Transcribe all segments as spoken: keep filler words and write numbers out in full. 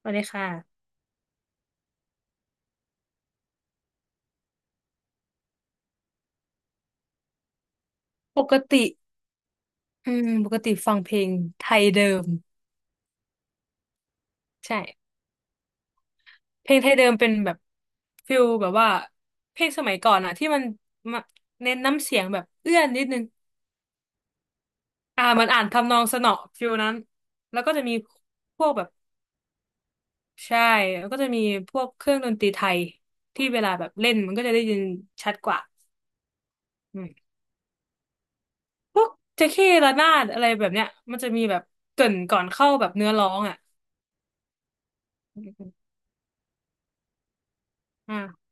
สวัสดีค่ะปกติอืมปกติฟังเพลงไทยเดิมใช่เพลงไทยเดิมเป็นแบบฟิลแบบว่าเพลงสมัยก่อนอะที่มันมาเน้นน้ำเสียงแบบเอื้อนนิดนึงอ่ามันอ่านทำนองสนอฟิลนั้นแล้วก็จะมีพวกแบบใช่แล้วก็จะมีพวกเครื่องดนตรีไทยที่เวลาแบบเล่นมันก็จะได้ยินชัดกว่าอืมพวกแจ็คเก้ระนาดอะไรแบบเนี้ยมันจะมีแบบเกริ่นก่อนเข้าแบบเนื้อร้องอะอ่า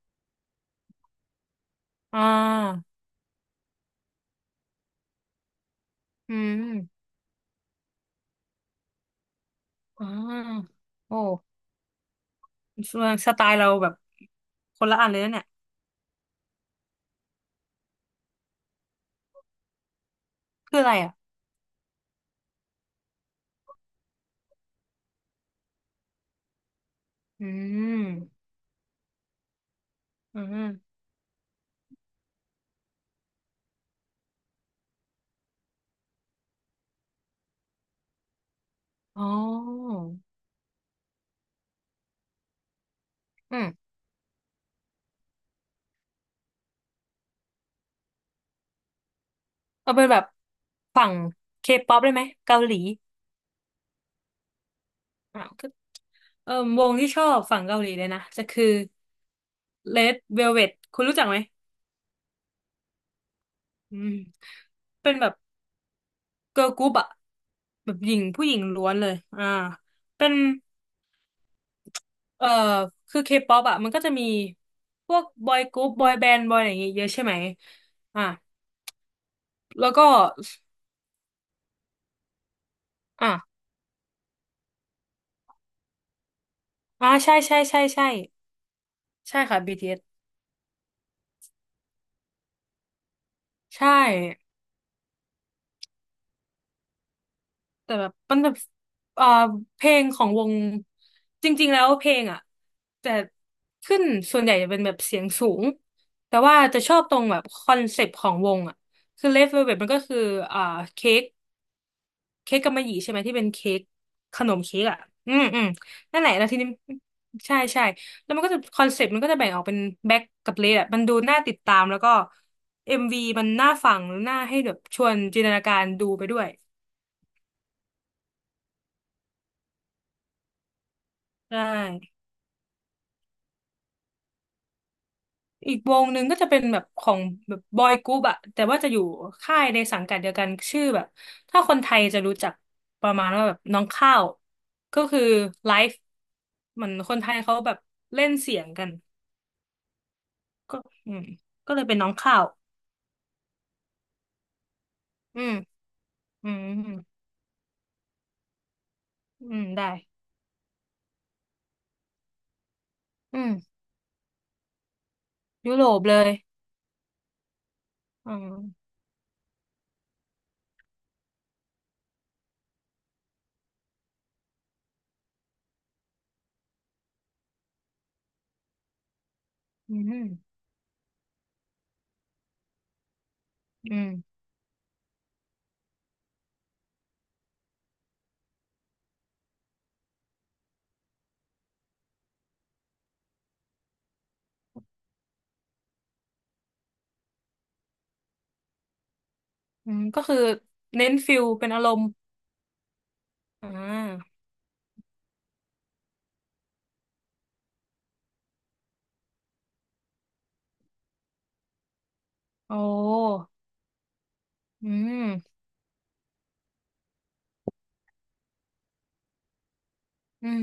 อ่าอืม อ่าโอ้สไตล์เราแบบคนละอันเลยนะเนี่ยคืออะไรอ่ะอืมอืมอ๋ออืมเอาเป็นแบบฝั่งเคป๊อปได้ไหมเกาหลี อ่ะก็เออวงที่ชอบฝั่งเกาหลีเลยนะ จะคือ Red Velvet คุณรู้จักไหม อืม เป็นแบบเกิร์ลกรุ๊ปอะ แบบหญิงผู้หญิงล้วนเลย อ่าเป็น เออคือเคป๊อปอ่ะมันก็จะมีพวกบอยกรุ๊ปบอยแบนด์บอยอะไรอย่างเงี้ยเยอะใช่ไหมอ่ะแล้วก็อ่ะอ่าใช่ใช่ใช่ใช่ใช่ค่ะ บี ที เอส ใช่แต่แบบมันแบบเอ่อเพลงของวงจริงๆแล้วเพลงอ่ะแต่ขึ้นส่วนใหญ่จะเป็นแบบเสียงสูงแต่ว่าจะชอบตรงแบบคอนเซปต์ของวงอ่ะคือ Red Velvet มันก็คืออ่าเค้ก เค้กกำมะหยี่ใช่ไหมที่เป็นเค้กขนมเค้กอ่ะอืมอืมนั่นแหละแล้วทีนี้ใช่ใช่แล้วมันก็จะคอนเซ็ปต์มันก็จะแบ่งออกเป็นแบ็คกับเลดอ่ะมันดูน่าติดตามแล้วก็เอ็มวีมันน่าฟังน่าให้แบบชวนจินตนาการดูไปด้วยใช่อีกวงหนึ่งก็จะเป็นแบบของแบบบอยกรุ๊ปอ่ะแต่ว่าจะอยู่ค่ายในสังกัดเดียวกันชื่อแบบถ้าคนไทยจะรู้จักประมาณว่าแบบน้องข้าวก็คือไลฟ์เหมือนคนไทยเขาแบบเล่นเสียงกัน ก็อืมก็เลยเป็นน้องข้าวอืมอืมอืมได้อืมยุโรปเลยอืมอืมอืมอืมก็คือเน้นฟิลเป็นอารมณ์อ่าโอ้อืมอืม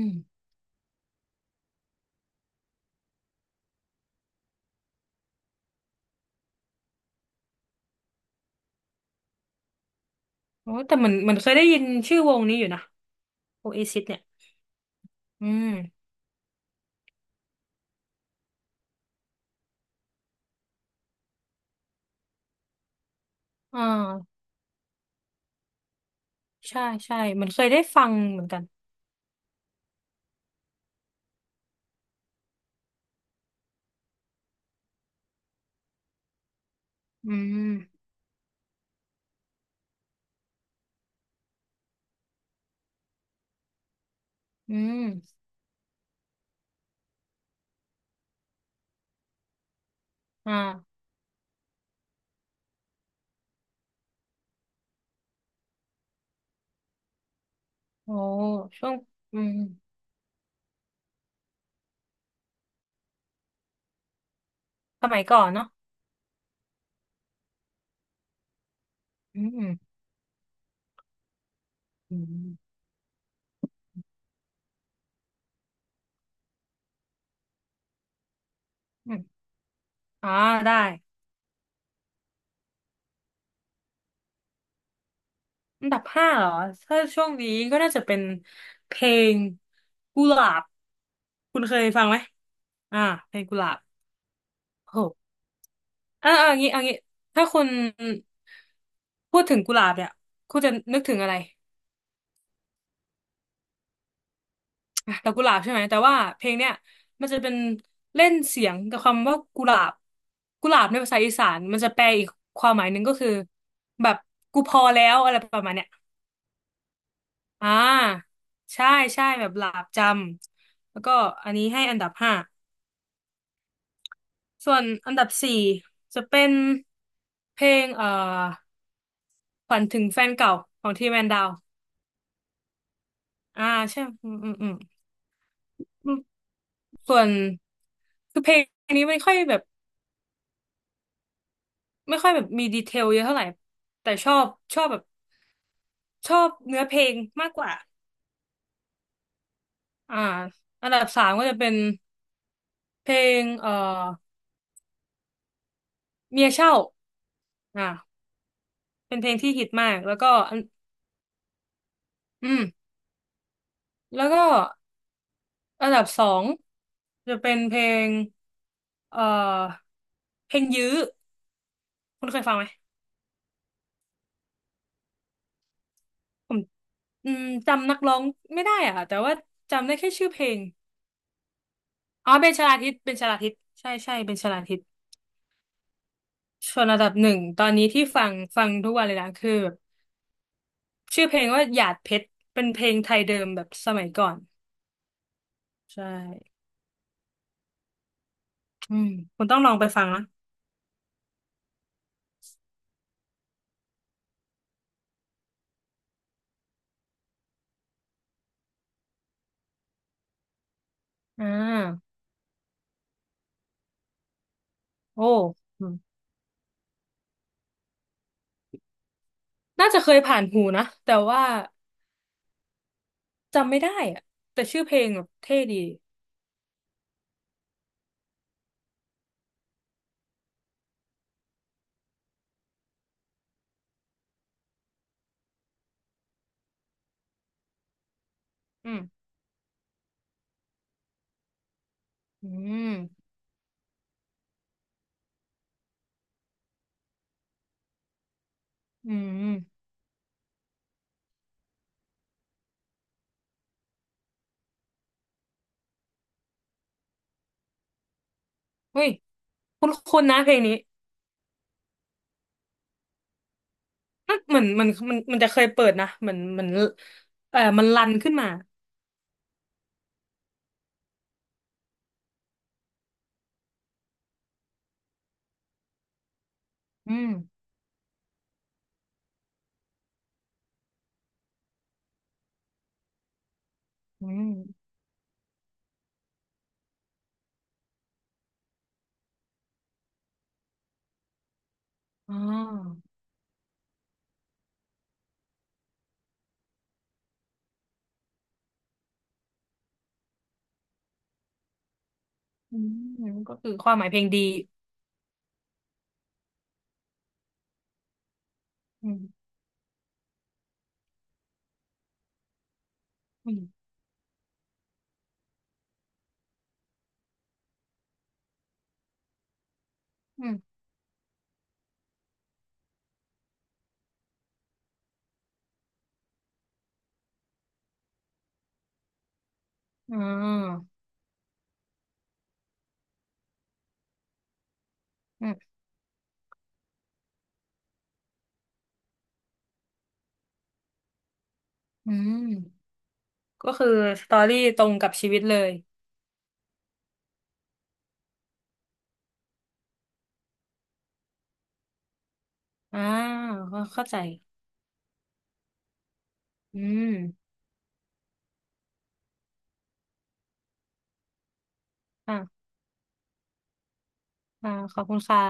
โอ้แต่เหมือนเหมือนเคยได้ยินชื่อวงนี้อยู่นะโอเอซิสเนี่ยอืมอ่าใช่ใช่เหมือนเคยได้ฟังเหมือนกันอืมอืมอ่าโอ้ช่วงอืมสมัยก่อนเนาะอืมอืมอืมอ่าได้ อันดับห้าเหรอถ้าช่วงนี้ก็น่าจะเป็นเพลงกุหลาบคุณเคยฟังไหมอ่าเพลงกุหลาบโอ้โหอ่าอ่าอย่างงี้เอ่างี้ถ้าคุณพูดถึงกุหลาบเนี่ยคุณจะนึกถึงอะไรอ่ะแต่กุหลาบใช่ไหมแต่ว่าเพลงเนี่ยมันจะเป็นเล่นเสียงกับคำว่ากุหลาบกุหลาบในภาษาอีสานมันจะแปลอีกความหมายหนึ่งก็คือแบบกูพอแล้วอะไรประมาณเนี้ย อ่าใช่ใช่แบบหลาบจำแล้วก็อันนี้ให้อันดับห้าส่วนอันดับสี่จะเป็นเพลงเอ่อฝันถึงแฟนเก่าของทีแมนดาวอ่าใช่อืมอืมอืมอืมส่วนคือเพลงนี้ไม่ค่อยแบบไม่ค่อยแบบมีดีเทลเยอะเท่าไหร่แต่ชอบชอบแบบชอบเนื้อเพลงมากกว่าอ่าอันดับสามก็จะเป็นเพลงเอ่อเมียเช่าอ่าเป็นเพลงที่ฮิตมากแล้วก็อันอืม แล้วก็อันดับสองจะเป็นเพลงเอ่อเพลงยื้อคุณเคยฟังไหมผมอืมจำนักร้องไม่ได้อะแต่ว่าจำได้แค่ชื่อเพลงอ๋อเบนชลาทิตเบนชลาทิตใช่ใช่เบนชลาทิตส่วนอันดับหนึ่งตอนนี้ที่ฟังฟังทุกวันเลยนะคือแบบชื่อเพลงว่าหยาดเพชรเป็นเพลงไทยเดิมแบบสมัยก่อนใช่อืมคุณต้องลองไปฟังนะอ่าโอ้อืมน่าจะเคยผ่านหูนะแต่ว่า จำไม่ได้อะแต่ชื่อเพลงแบบเท่ดีอืมอืมอืมเฮ้ยคุ้นคุ้นนะเพลงนี้มันเหมือนมันมันมันจะเคยเปิดนะเหมือนเหมือนเออมันรันขึ้นมาอืมอืมอ๋ออืมก็คือความหมายเพลงดีอืมอืมอืมอ๋ออืมอืมก็คือสตอรี่ตรงกับชีวิตเลยอ่าเข้าใจอืมอ่ะอ่าขอบคุณค่ะ